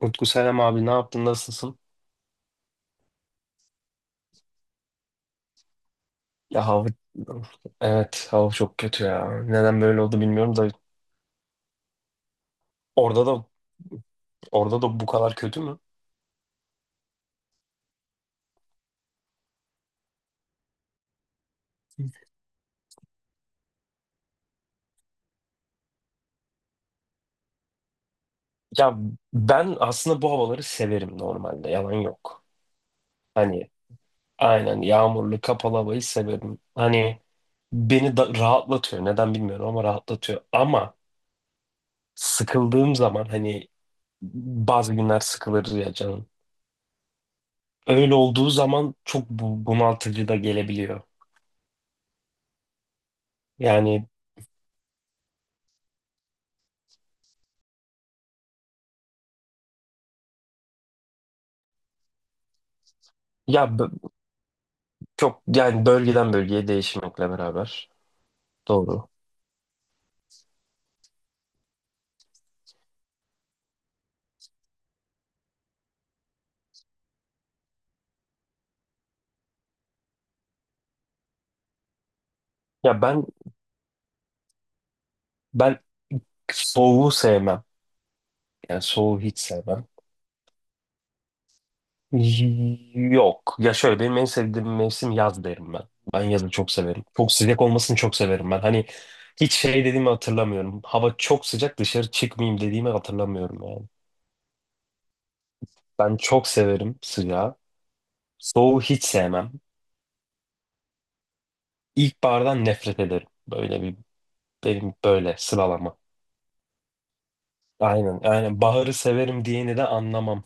Utku selam abi, ne yaptın nasılsın? Ya hava çok kötü ya. Neden böyle oldu bilmiyorum da orada da orada da bu kadar kötü mü? Ya ben aslında bu havaları severim normalde, yalan yok. Hani aynen, yağmurlu kapalı havayı severim. Hani beni da rahatlatıyor, neden bilmiyorum ama rahatlatıyor. Ama sıkıldığım zaman hani bazı günler sıkılır ya canım. Öyle olduğu zaman çok bunaltıcı da gelebiliyor. Yani ya Çok, yani bölgeden bölgeye değişmekle beraber. Doğru. Ya ben soğuğu sevmem. Yani soğuğu hiç sevmem. Y- Yok. Ya şöyle, benim en sevdiğim mevsim yaz derim ben. Ben yazı çok severim. Çok sıcak olmasını çok severim ben. Hani hiç şey dediğimi hatırlamıyorum. Hava çok sıcak, dışarı çıkmayayım dediğimi hatırlamıyorum yani. Ben çok severim sıcağı. Soğuğu hiç sevmem. İlkbahardan nefret ederim. Böyle bir, benim böyle sıralama. Aynen. Aynen. Baharı severim diyeni de anlamam.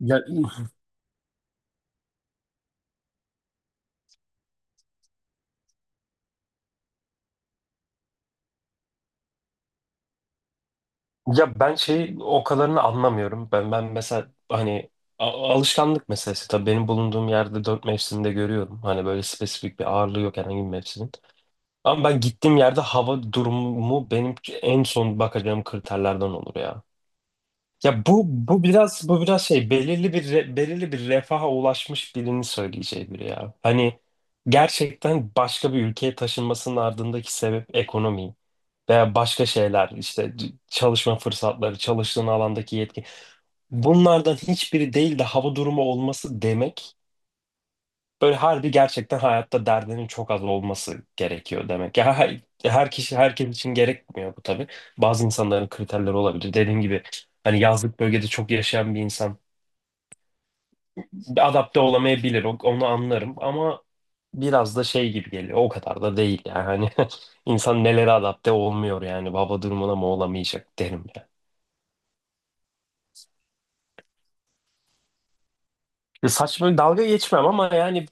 Ya, ya ben şey, o kadarını anlamıyorum. Ben mesela hani a- alışkanlık meselesi tabii, benim bulunduğum yerde 4 mevsimde görüyorum. Hani böyle spesifik bir ağırlığı yok herhangi bir mevsimin. Ama ben gittiğim yerde hava durumu benim en son bakacağım kriterlerden olur ya. Ya bu biraz şey, belirli bir belirli bir refaha ulaşmış birini söyleyeceği biri ya. Hani gerçekten başka bir ülkeye taşınmasının ardındaki sebep ekonomi veya başka şeyler işte, çalışma fırsatları, çalıştığın alandaki yetki. Bunlardan hiçbiri değil de hava durumu olması demek, böyle harbi gerçekten hayatta derdinin çok az olması gerekiyor demek. Her kişi, herkes için gerekmiyor bu tabii. Bazı insanların kriterleri olabilir. Dediğim gibi hani yazlık bölgede çok yaşayan bir insan adapte olamayabilir. Onu anlarım ama biraz da şey gibi geliyor. O kadar da değil yani. Hani insan nelere adapte olmuyor yani. Hava durumuna mı olamayacak derim. Ya saçma, dalga geçmem ama yani,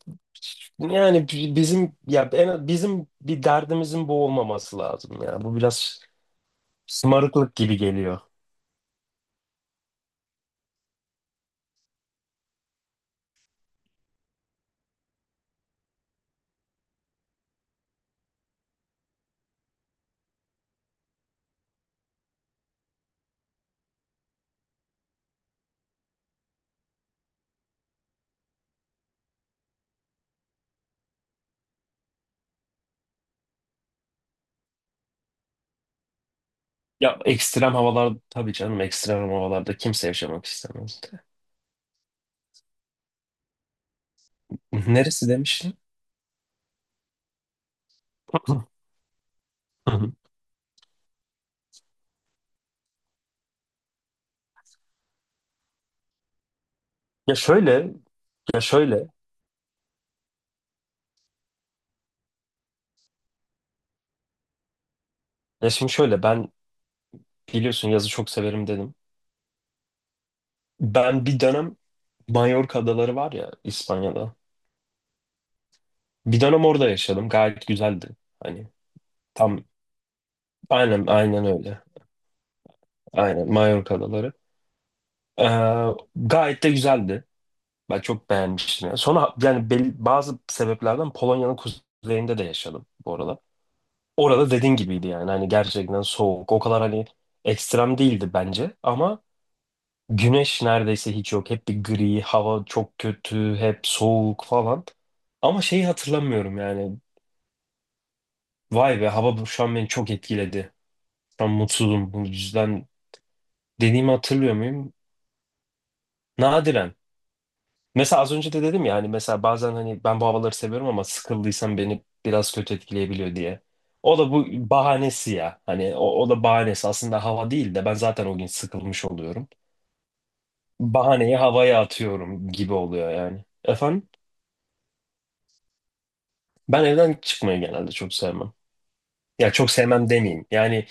yani bizim bizim bir derdimizin bu olmaması lazım ya. Bu biraz şımarıklık gibi geliyor. Ya ekstrem havalar tabii canım, ekstrem havalarda kimse yaşamak istemez. Neresi demiştin? Hı hı. Ya şöyle, ya şöyle, ya şimdi şöyle, ben biliyorsun yazı çok severim dedim. Ben bir dönem, Mallorca adaları var ya İspanya'da. Bir dönem orada yaşadım. Gayet güzeldi. Hani tam, aynen öyle. Aynen, Mallorca adaları. Ee, gayet de güzeldi. Ben çok beğenmiştim yani. Sonra yani bazı sebeplerden Polonya'nın kuzeyinde de yaşadım bu arada. Orada dediğin gibiydi yani. Hani gerçekten soğuk. O kadar hani ekstrem değildi bence. Ama güneş neredeyse hiç yok. Hep bir gri, hava çok kötü, hep soğuk falan. Ama şeyi hatırlamıyorum yani. Vay be, hava şu an beni çok etkiledi. Şu an mutsuzum, bu yüzden dediğimi hatırlıyor muyum? Nadiren. Mesela az önce de dedim ya, hani mesela bazen hani ben bu havaları seviyorum ama sıkıldıysam beni biraz kötü etkileyebiliyor diye. O da bu bahanesi ya. Hani o da bahanesi. Aslında hava değil de ben zaten o gün sıkılmış oluyorum. Bahaneyi havaya atıyorum gibi oluyor yani. Efendim, ben evden çıkmayı genelde çok sevmem. Ya çok sevmem demeyeyim. Yani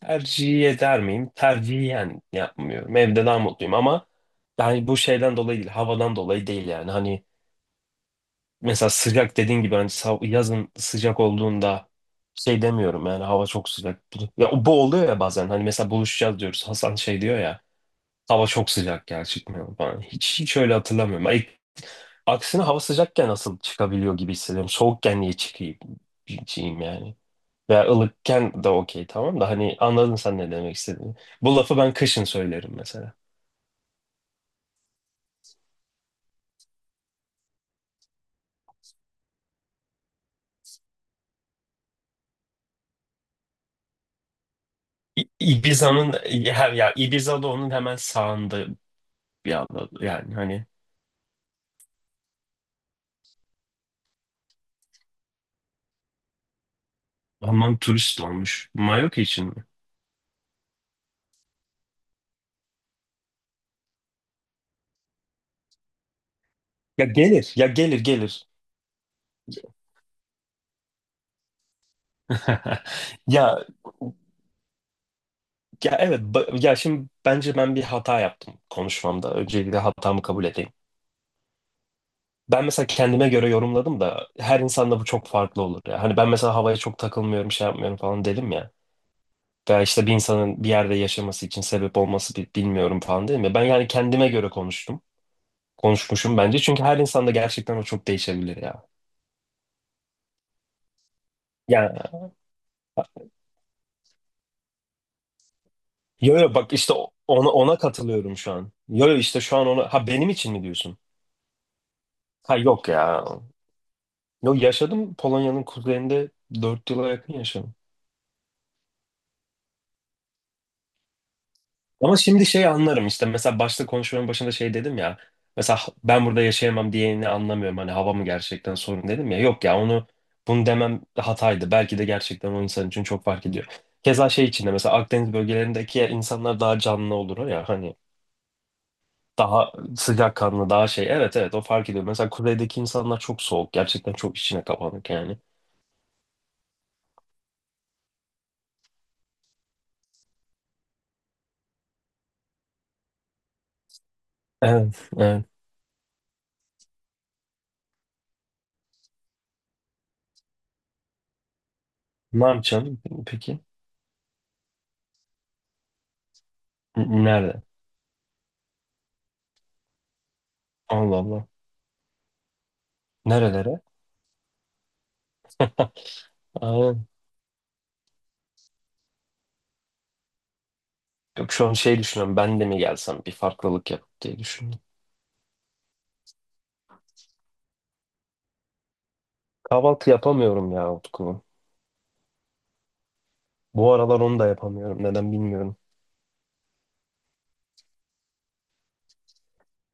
tercih eder miyim? Tercihen yapmıyorum. Evde daha mutluyum ama yani bu şeyden dolayı değil, havadan dolayı değil yani. Hani mesela sıcak dediğin gibi hani yazın sıcak olduğunda şey demiyorum yani, hava çok sıcak. Ya bu oluyor ya bazen, hani mesela buluşacağız diyoruz. Hasan şey diyor ya, hava çok sıcak gel çıkmayalım falan. Hiç öyle hatırlamıyorum. Ay, aksine hava sıcakken nasıl çıkabiliyor gibi hissediyorum. Soğukken çıkayım yani. Veya ılıkken de okey, tamam da hani anladın sen ne demek istediğimi. Bu lafı ben kışın söylerim mesela. Ibiza'nın ya, ya Ibiza da onun hemen sağında, bir anda yani hani Alman turist olmuş. Mallorca için mi? Gelir. Ya ya evet, ya şimdi bence ben bir hata yaptım konuşmamda. Öncelikle hatamı kabul edeyim. Ben mesela kendime göre yorumladım da her insanda bu çok farklı olur ya. Hani ben mesela havaya çok takılmıyorum, şey yapmıyorum falan dedim ya. Veya işte bir insanın bir yerde yaşaması için sebep olması bilmiyorum falan dedim ya. Ben yani kendime göre konuştum. Konuşmuşum bence. Çünkü her insanda gerçekten o çok değişebilir ya. Yo bak işte ona katılıyorum şu an. Yo işte şu an ona... Ha, benim için mi diyorsun? Ha yok ya. Yo, yaşadım Polonya'nın kuzeyinde, 4 yıla yakın yaşadım. Ama şimdi şey, anlarım işte mesela başta, konuşmanın başında şey dedim ya. Mesela ben burada yaşayamam diyeni anlamıyorum. Hani hava mı gerçekten sorun dedim ya. Yok ya, onu bunu demem hataydı. Belki de gerçekten o insan için çok fark ediyor. Keza şey içinde, mesela Akdeniz bölgelerindeki insanlar daha canlı olur ya hani. Daha sıcakkanlı, daha şey. Evet, o fark ediyor. Mesela kuzeydeki insanlar çok soğuk. Gerçekten çok içine kapanık yani. Evet, evet. Ne yapacaksın peki? Nerede? Allah Allah. Nerelere? Aynen. Yok şu an şey düşünüyorum. Ben de mi gelsem, bir farklılık yap diye düşünüyorum. Kahvaltı yapamıyorum ya Utku. Bu aralar onu da yapamıyorum. Neden bilmiyorum.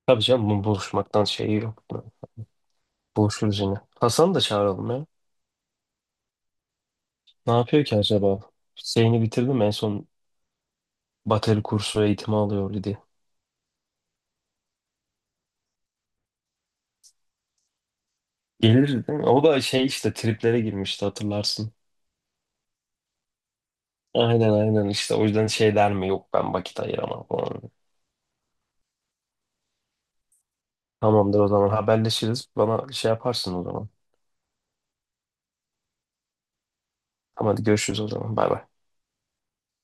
Tabii canım, bu buluşmaktan şeyi yok. Buluşuruz yine. Hasan'ı da çağıralım ya. Ne yapıyor ki acaba? Şeyini bitirdi mi en son, bateri kursu eğitimi alıyordu diye. Gelir değil mi? O da şey işte, triplere girmişti hatırlarsın. Aynen işte, o yüzden şey der mi, yok ben vakit ayıramam falan. Tamamdır o zaman, haberleşiriz. Bana şey yaparsın o zaman. Tamam hadi, görüşürüz o zaman, bay bay.